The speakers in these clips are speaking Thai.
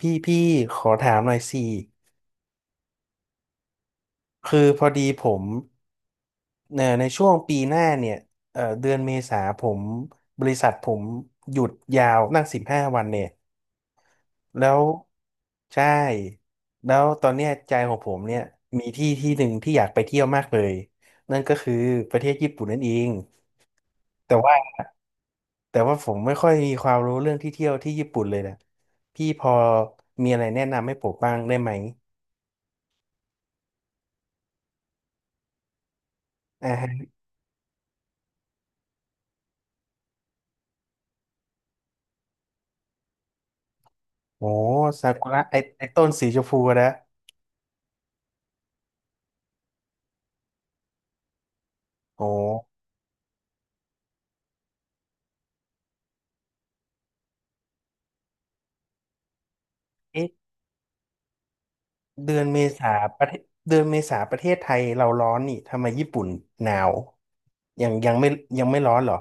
พี่พี่ขอถามหน่อยสิ คือพอดีผมในช่วงปีหน้าเนี่ยเดือนเมษาผมบริษัทผมหยุดยาวนั่งสิบห้าวันเนี่ยแล้วใช่แล้วตอนเนี้ยใจของผมเนี่ยมีที่ที่หนึ่งที่อยากไปเที่ยวมากเลยนั่นก็คือประเทศญี่ปุ่นนั่นเองแต่ว่าแต่ว่าผมไม่ค่อยมีความรู้เรื่องที่เที่ยวที่ญี่ปุ่นเลยนะพี่พอมีอะไรแนะนำให้ผมบ้างได้ไหมอ่า โอ้ซากุระไอต้นสีชมพูนะโอ้เอ๊ะเดือนเมษาประเทศเดือนเมษาประเทศไทยเราร้อนนี่ทำไมญี่ปุ่นหนาวยังยังไม่ยังไม่ร้อนเหรอ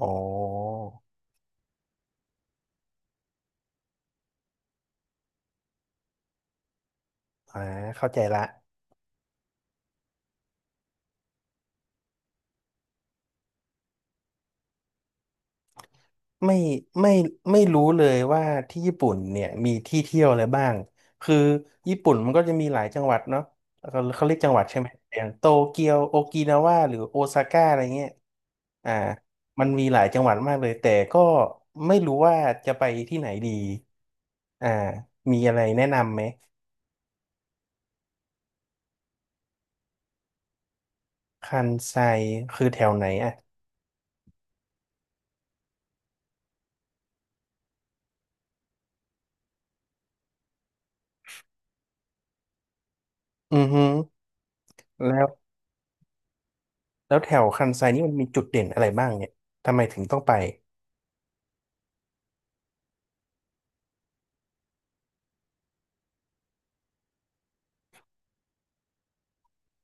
อ๋ออ่าเข้าใจละ ไม่ไม่ไม่รู้เลยว่าที่ญี่ปุ่นเนี่ยมีที่เที่ยวอะไรบ้างคือญี่ปุ่นมันก็จะมีหลายจังหวัดเนาะเขาเรียกจังหวัดใช่ไหมอย่างโตเกียวโอกินาวาหรือโอซาก้าอะไรเงี้ยอ่ามันมีหลายจังหวัดมากเลยแต่ก็ไม่รู้ว่าจะไปที่ไหนดีอ่ามีอะไรแนะนำไหมคันไซคือแถวไหนอ่ะอือฮึแล้วแล้วแถวคันไซนี่มันมีจุดเด่นอะไรบ้างเนี่ยทำไมถึงต้องไป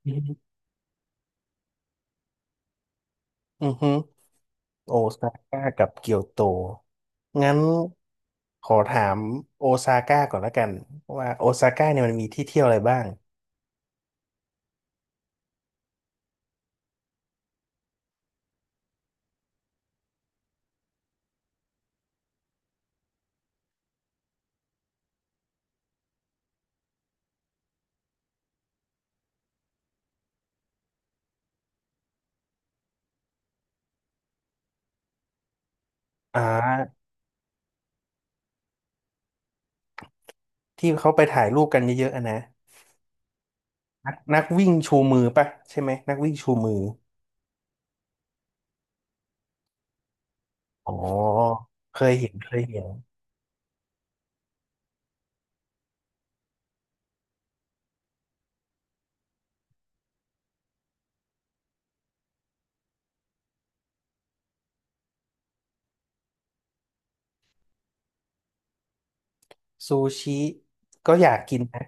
อือฮึ โอซาก้ากับเกียวโต งั้นขอถามโอซาก้าก่อนละกันว่าโอซาก้าเนี่ยมันมีที่เที่ยวอะไรบ้างอ่าที่เขาไปถ่ายรูปกันเยอะๆอะนะนักวิ่งชูมือปะใช่ไหมนักวิ่งชูมืออ๋อเคยเห็นเคยเห็นซูชิก็อยากกินนะ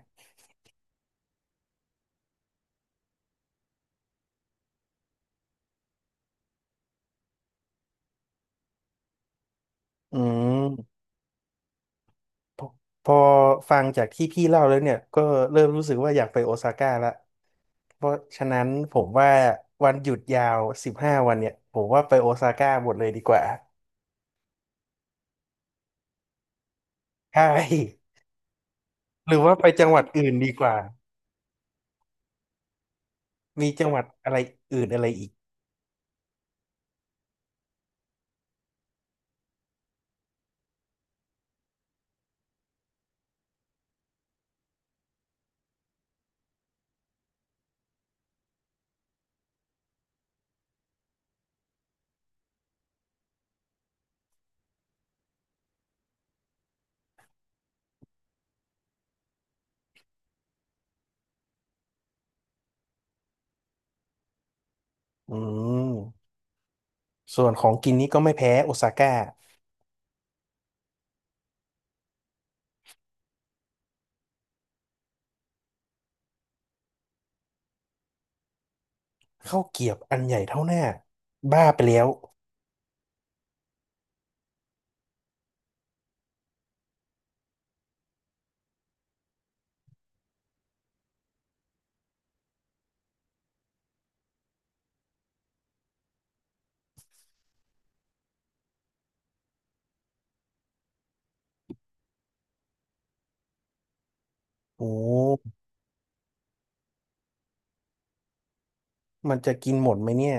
อืม พอฟังจากที่พี่เล่าแล้วเนี่ยก็เริ่มรู้สึกว่าอยากไปโอซาก้าละเพราะฉะนั้นผมว่าวันหยุดยาวสิบห้าวันเนี่ยผมว่าไปโอซาก้าหมดเลยดีกว่าใช่ หรือว่าไปจังหวัดอื่นดีกว่ามีจังหวัดอะไรอื่นอะไรอีกอืมส่วนของกินนี้ก็ไม่แพ้โอซาก้าข้าวเกรี๊ยบอันใหญ่เท่าหน้าบ้าไปแล้วโอ้มันจะกินหมดไหมเนี่ย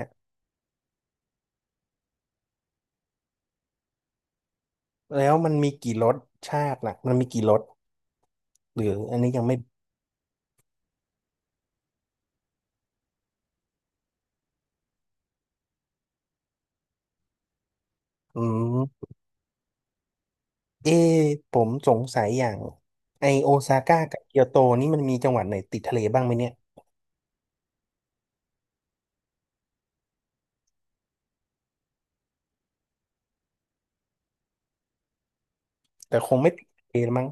แล้วมันมีกี่รสชาติน่ะมันมีกี่รสหรืออันนี้ยังไม่อืม เอะผมสงสัยอย่างไอโอซาก้ากับเกียวโตนี่มันมีจังหวัดไหนติดทะเลบ้างไหมเนี่ยแต่คงไม่ติดทะเลมั้ง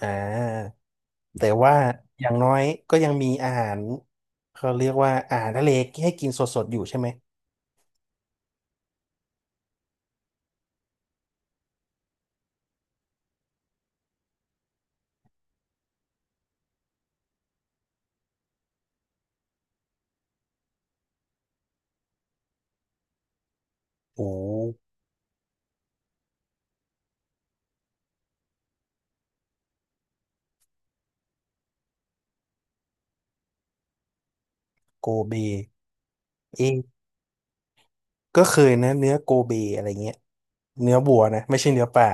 อ่าแต่ว่าอย่างน้อยก็ยังมีอาหารเขาเรียกว่าอาหารทะเลให้กินสดๆอยู่ใช่ไหมโอ้โกเบเอะก็เคยนะเนื้อโกเบอะไรเงี้ยเนื้อบัวนะไม่ใช่เนื้อปลา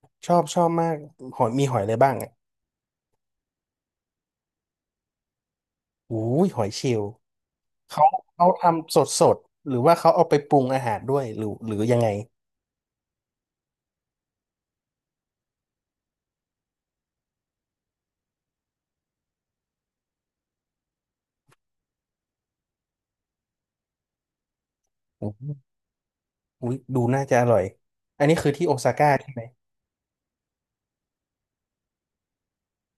ชอบชอบมากหอยมีหอยอะไรบ้างอ่ะอู้ยหอยเชลล์เขาเขาทำสดสดหรือว่าเขาเอาไปปรุงอาหารด้วยหรือยังไง โอ้โหอุ๊ยดูน่าจะอร่อยอันนี้คือที่โอซาก้าใช่ไหม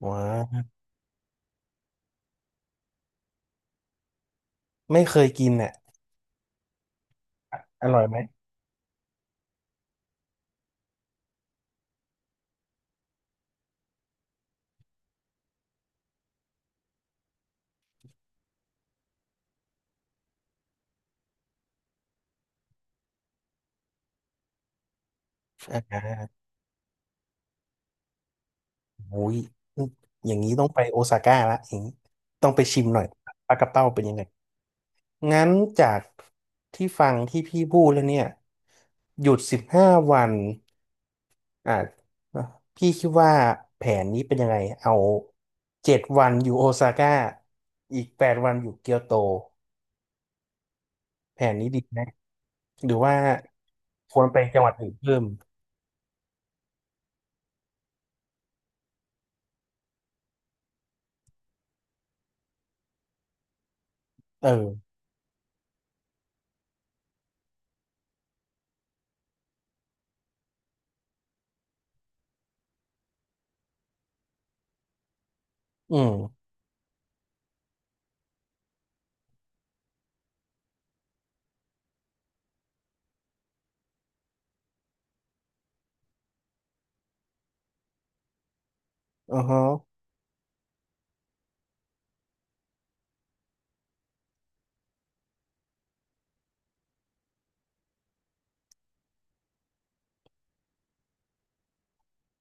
ว้าวไม่เคยกินอ่ะอร่อยไหมอ่าโอ้ยอย่างนี้ต้องไปโอซาก้าละอย่างนี้ต้องไปชิมหน่อยปลากระเป้าเป็นยังไงงั้นจากที่ฟังที่พี่พูดแล้วเนี่ยหยุดสิบห้าวันอ่าพี่คิดว่าแผนนี้เป็นยังไงเอา7 วันอยู่โอซาก้าอีก8 วันอยู่เกียวโตแผนนี้ดีไหมหรือว่าควรไปจังหวัดอื่นเพิ่ม เอออืมอือฮะ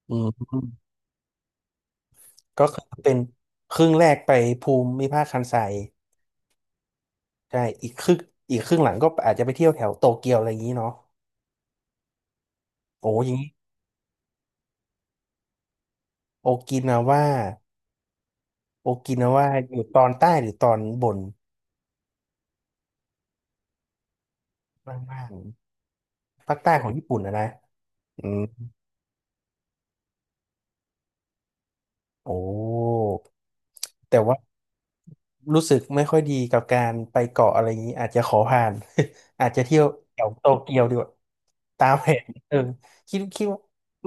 อืมก็คือเป็นครึ่งแรกไปภูมิภาคคันไซใช่อีกครึ่งอีกครึ่งหลังก็อาจจะไปเที่ยวแถวโตเกียวอะไรอย่างนี้เนาะโอ้อย่างนี้โอกินาว่าโอกินาว่าอยู่ตอนใต้หรือตอนบนบ้างๆภาคใต้ของญี่ปุ่นนะนะอืมโอ้ แต่ว่า รู้สึกไม่ค่อยดีกับการไปเกาะอะไรอย่างนี้อาจจะขอผ่าน อาจจะเที่ยวแถวโตเกียวดีกว่าตามแผนเออคิด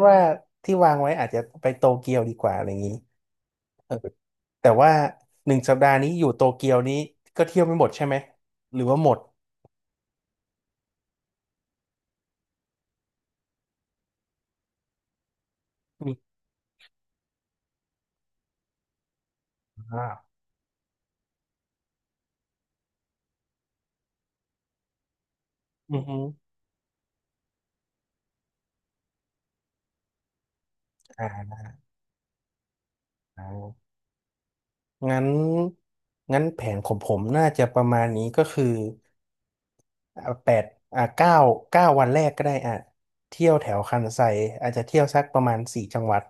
ว่าที่วางไว้อาจจะไปโตเกียวดีกว่าอะไรอย่างนี้เออแต่ว่าหนึ่งสัปดาห์นี้อยู่โตเกียวนี้ก็เที่ยวไม่หมดใช่ไหมหรือว่าหมดมีอ่าอือฮึอ่างั้นงั้นแผนของผมน่าจะประมาณนี้ก็คือ อ่าแปดอ่าเก้า9 วันแรกก็ได้อ่ะเที่ยวแถวคันไซอาจจะเที่ยวสักประมาณสี่จังหวัด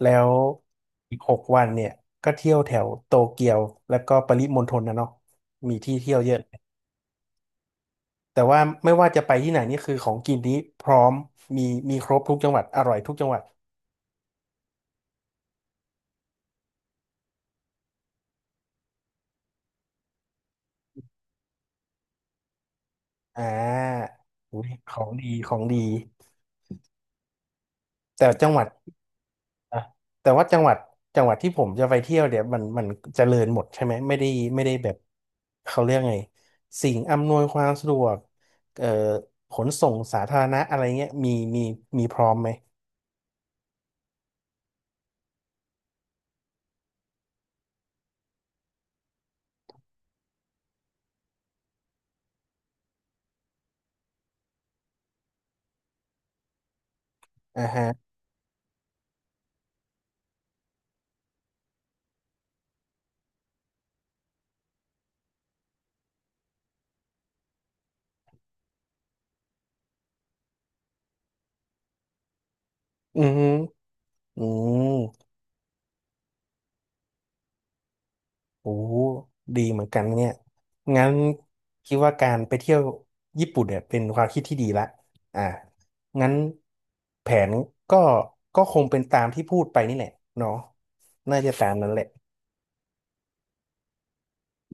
แล้วอีก6 วันเนี่ยก็เที่ยวแถวโตเกียวแล้วก็ปริมณฑลนะเนาะมีที่เที่ยวเยอะแต่ว่าไม่ว่าจะไปที่ไหนนี่คือของกินนี้พร้อมมีมีครบทุกจังหวัดอร่อยทุกจังหวัดอ่าอุ๊ยของดีของดีแต่จังหวัด นะแต่ว่าจังหวัดที่ผมจะไปเที่ยวเดี๋ยวมันเจริญหมดใช่ไหมไม่ได้แบบเขาเรียกไงสิ่งอำนวยความสะดวกเอ่อขนส่งสาธารณะอะไรเงี้ยมีมีพร้อมไหมอ่าฮะอือฮึอืมโอ้โหดีเหมือนกันเนี่ยงั้นคิดว่าการไปเที่ยวญี่ปุ่นเนี่ยเป็นความคิดที่ดีละอ่างั้นแผนก็ก็คงเป็นตามที่พูดไปนี่แหละเนาะน่าจะตามนั้นแหละ